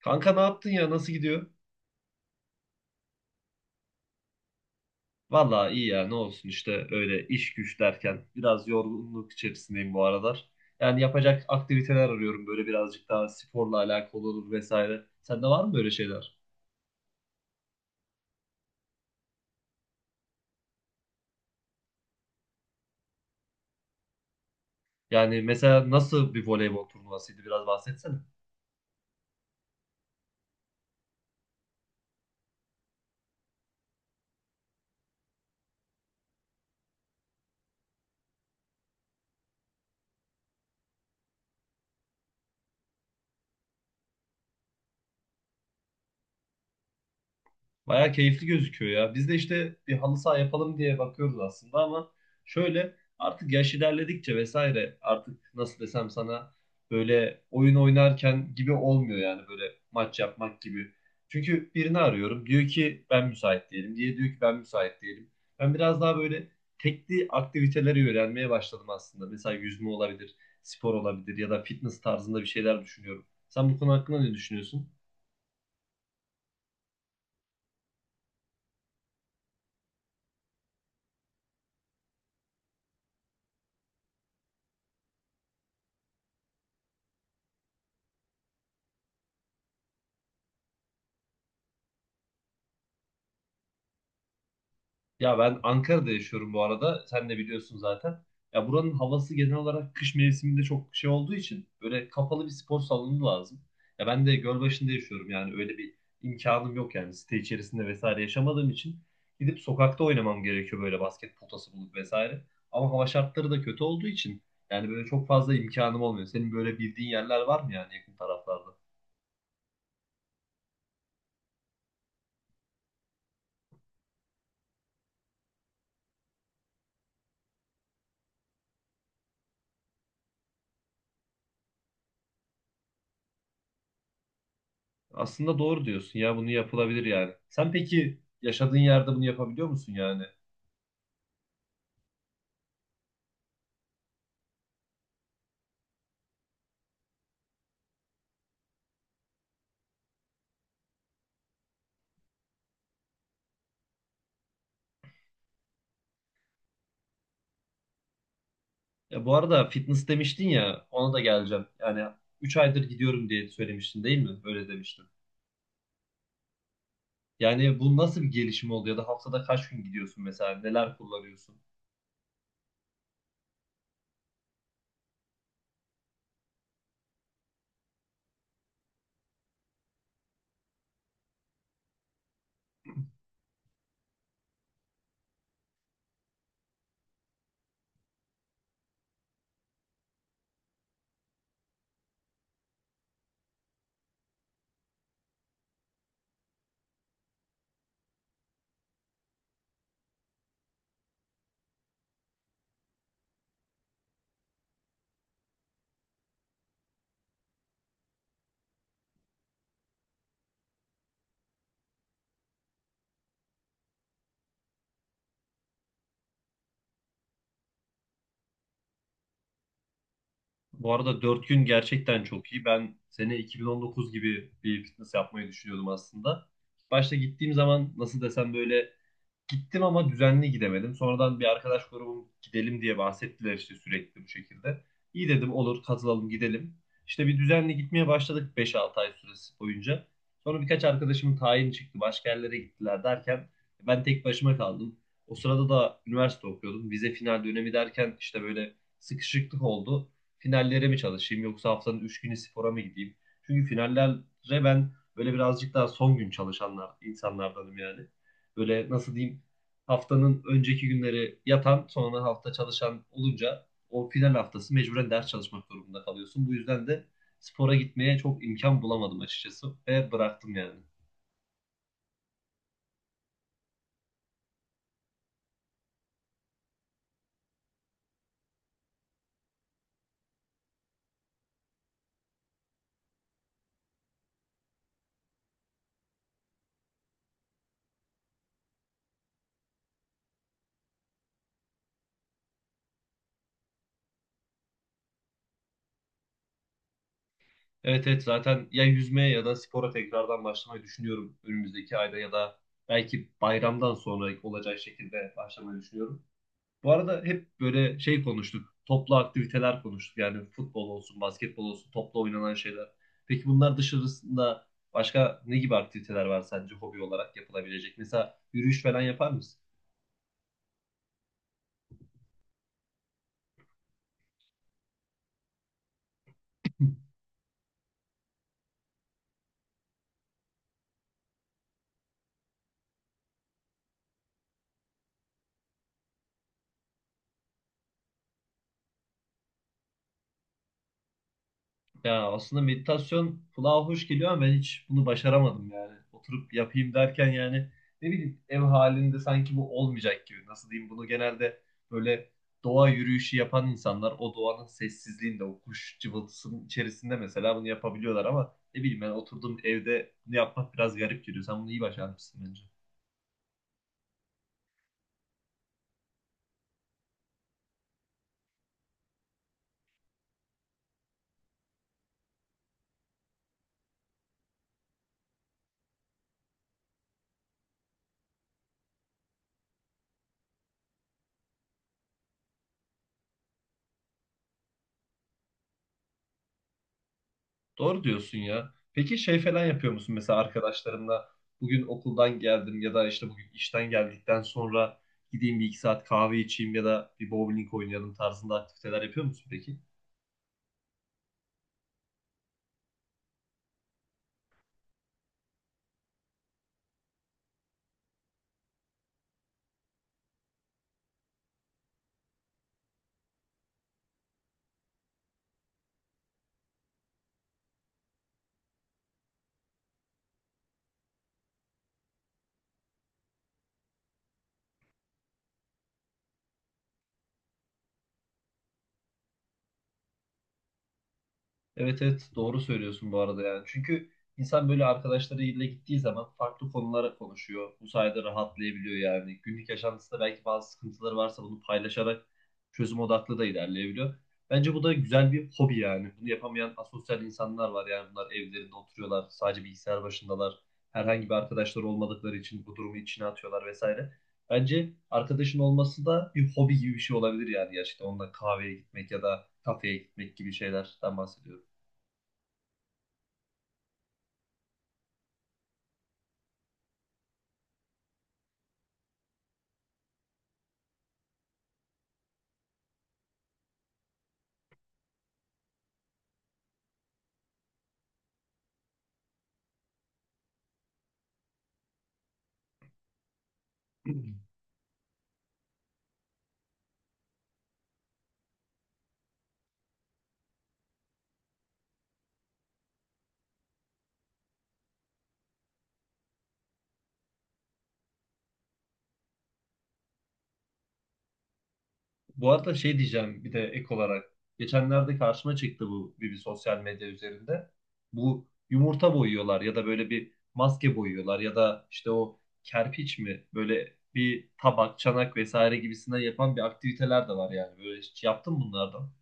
Kanka ne yaptın ya? Nasıl gidiyor? Valla iyi ya ne olsun işte öyle iş güç derken biraz yorgunluk içerisindeyim bu aralar. Yani yapacak aktiviteler arıyorum böyle birazcık daha sporla alakalı olur vesaire. Sende var mı böyle şeyler? Yani mesela nasıl bir voleybol turnuvasıydı biraz bahsetsene. Bayağı keyifli gözüküyor ya. Biz de işte bir halı saha yapalım diye bakıyoruz aslında ama şöyle artık yaş ilerledikçe vesaire artık nasıl desem sana böyle oyun oynarken gibi olmuyor yani böyle maç yapmak gibi. Çünkü birini arıyorum diyor ki ben müsait değilim diye diyor ki ben müsait değilim. Ben biraz daha böyle tekli aktiviteleri öğrenmeye başladım aslında. Mesela yüzme olabilir, spor olabilir ya da fitness tarzında bir şeyler düşünüyorum. Sen bu konu hakkında ne düşünüyorsun? Ya ben Ankara'da yaşıyorum bu arada. Sen de biliyorsun zaten. Ya buranın havası genel olarak kış mevsiminde çok şey olduğu için böyle kapalı bir spor salonu lazım. Ya ben de Gölbaşı'nda yaşıyorum yani öyle bir imkanım yok yani site içerisinde vesaire yaşamadığım için gidip sokakta oynamam gerekiyor böyle basket potası bulup vesaire. Ama hava şartları da kötü olduğu için yani böyle çok fazla imkanım olmuyor. Senin böyle bildiğin yerler var mı yani yakın taraflarda? Aslında doğru diyorsun ya bunu yapılabilir yani. Sen peki yaşadığın yerde bunu yapabiliyor musun yani? Ya bu arada fitness demiştin ya ona da geleceğim. Yani 3 aydır gidiyorum diye söylemiştin değil mi? Öyle demiştin. Yani bu nasıl bir gelişim oldu ya da haftada kaç gün gidiyorsun mesela? Neler kullanıyorsun? Bu arada 4 gün gerçekten çok iyi. Ben sene 2019 gibi bir fitness yapmayı düşünüyordum aslında. Başta gittiğim zaman nasıl desem böyle gittim ama düzenli gidemedim. Sonradan bir arkadaş grubum gidelim diye bahsettiler işte sürekli bu şekilde. İyi dedim olur katılalım gidelim. İşte bir düzenli gitmeye başladık 5-6 ay süresi boyunca. Sonra birkaç arkadaşımın tayini çıktı. Başka yerlere gittiler derken ben tek başıma kaldım. O sırada da üniversite okuyordum. Vize final dönemi derken işte böyle sıkışıklık oldu. Finallere mi çalışayım yoksa haftanın 3 günü spora mı gideyim? Çünkü finallere ben böyle birazcık daha son gün çalışanlar insanlardanım yani. Böyle nasıl diyeyim haftanın önceki günleri yatan, sonra hafta çalışan olunca o final haftası mecburen ders çalışmak durumunda kalıyorsun. Bu yüzden de spora gitmeye çok imkan bulamadım açıkçası ve bıraktım yani. Evet evet zaten ya yüzmeye ya da spora tekrardan başlamayı düşünüyorum önümüzdeki ayda ya da belki bayramdan sonra olacak şekilde başlamayı düşünüyorum. Bu arada hep böyle şey konuştuk. Toplu aktiviteler konuştuk. Yani futbol olsun, basketbol olsun, toplu oynanan şeyler. Peki bunlar dışarısında başka ne gibi aktiviteler var sence hobi olarak yapılabilecek? Mesela yürüyüş falan yapar mısın? Ya aslında meditasyon kulağa hoş geliyor ama ben hiç bunu başaramadım yani. Oturup yapayım derken yani ne bileyim ev halinde sanki bu olmayacak gibi. Nasıl diyeyim bunu genelde böyle doğa yürüyüşü yapan insanlar o doğanın sessizliğinde o kuş cıvıltısının içerisinde mesela bunu yapabiliyorlar ama ne bileyim ben oturduğum evde bunu yapmak biraz garip geliyor. Sen bunu iyi başarmışsın bence. Doğru diyorsun ya. Peki şey falan yapıyor musun mesela arkadaşlarınla bugün okuldan geldim ya da işte bugün işten geldikten sonra gideyim bir iki saat kahve içeyim ya da bir bowling oynayalım tarzında aktiviteler yapıyor musun peki? Evet evet doğru söylüyorsun bu arada yani. Çünkü insan böyle arkadaşlarıyla gittiği zaman farklı konulara konuşuyor. Bu sayede rahatlayabiliyor yani. Günlük yaşantısında belki bazı sıkıntıları varsa bunu paylaşarak çözüm odaklı da ilerleyebiliyor. Bence bu da güzel bir hobi yani. Bunu yapamayan asosyal insanlar var yani. Bunlar evlerinde oturuyorlar, sadece bilgisayar başındalar. Herhangi bir arkadaşları olmadıkları için bu durumu içine atıyorlar vesaire. Bence arkadaşın olması da bir hobi gibi bir şey olabilir yani gerçekten. Onunla kahveye gitmek ya da kafeye gitmek gibi şeylerden bahsediyorum. Bu arada şey diyeceğim bir de ek olarak. Geçenlerde karşıma çıktı bu bir sosyal medya üzerinde. Bu yumurta boyuyorlar ya da böyle bir maske boyuyorlar ya da işte o kerpiç mi böyle bir tabak, çanak vesaire gibisinden yapan bir aktiviteler de var yani. Böyle hiç yaptın mı bunlardan?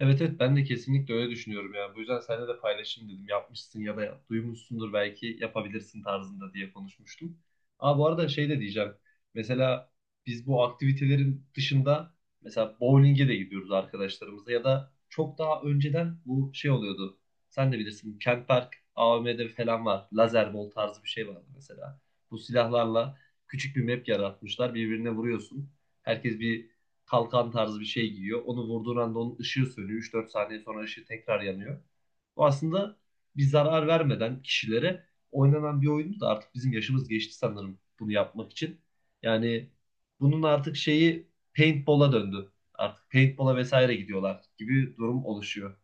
Evet evet ben de kesinlikle öyle düşünüyorum yani. Bu yüzden seninle de paylaşayım dedim. Yapmışsın ya da duymuşsundur belki yapabilirsin tarzında diye konuşmuştum. Aa bu arada şey de diyeceğim. Mesela biz bu aktivitelerin dışında mesela bowling'e de gidiyoruz arkadaşlarımızla ya da çok daha önceden bu şey oluyordu. Sen de bilirsin Kent Park AVM'de falan var. Lazer bol tarzı bir şey vardı mesela. Bu silahlarla küçük bir map yaratmışlar. Birbirine vuruyorsun. Herkes bir kalkan tarzı bir şey giyiyor. Onu vurduğun anda onun ışığı sönüyor. 3-4 saniye sonra ışığı tekrar yanıyor. Bu aslında bir zarar vermeden kişilere oynanan bir oyundu da artık bizim yaşımız geçti sanırım bunu yapmak için. Yani bunun artık şeyi paintball'a döndü. Artık paintball'a vesaire gidiyorlar gibi durum oluşuyor.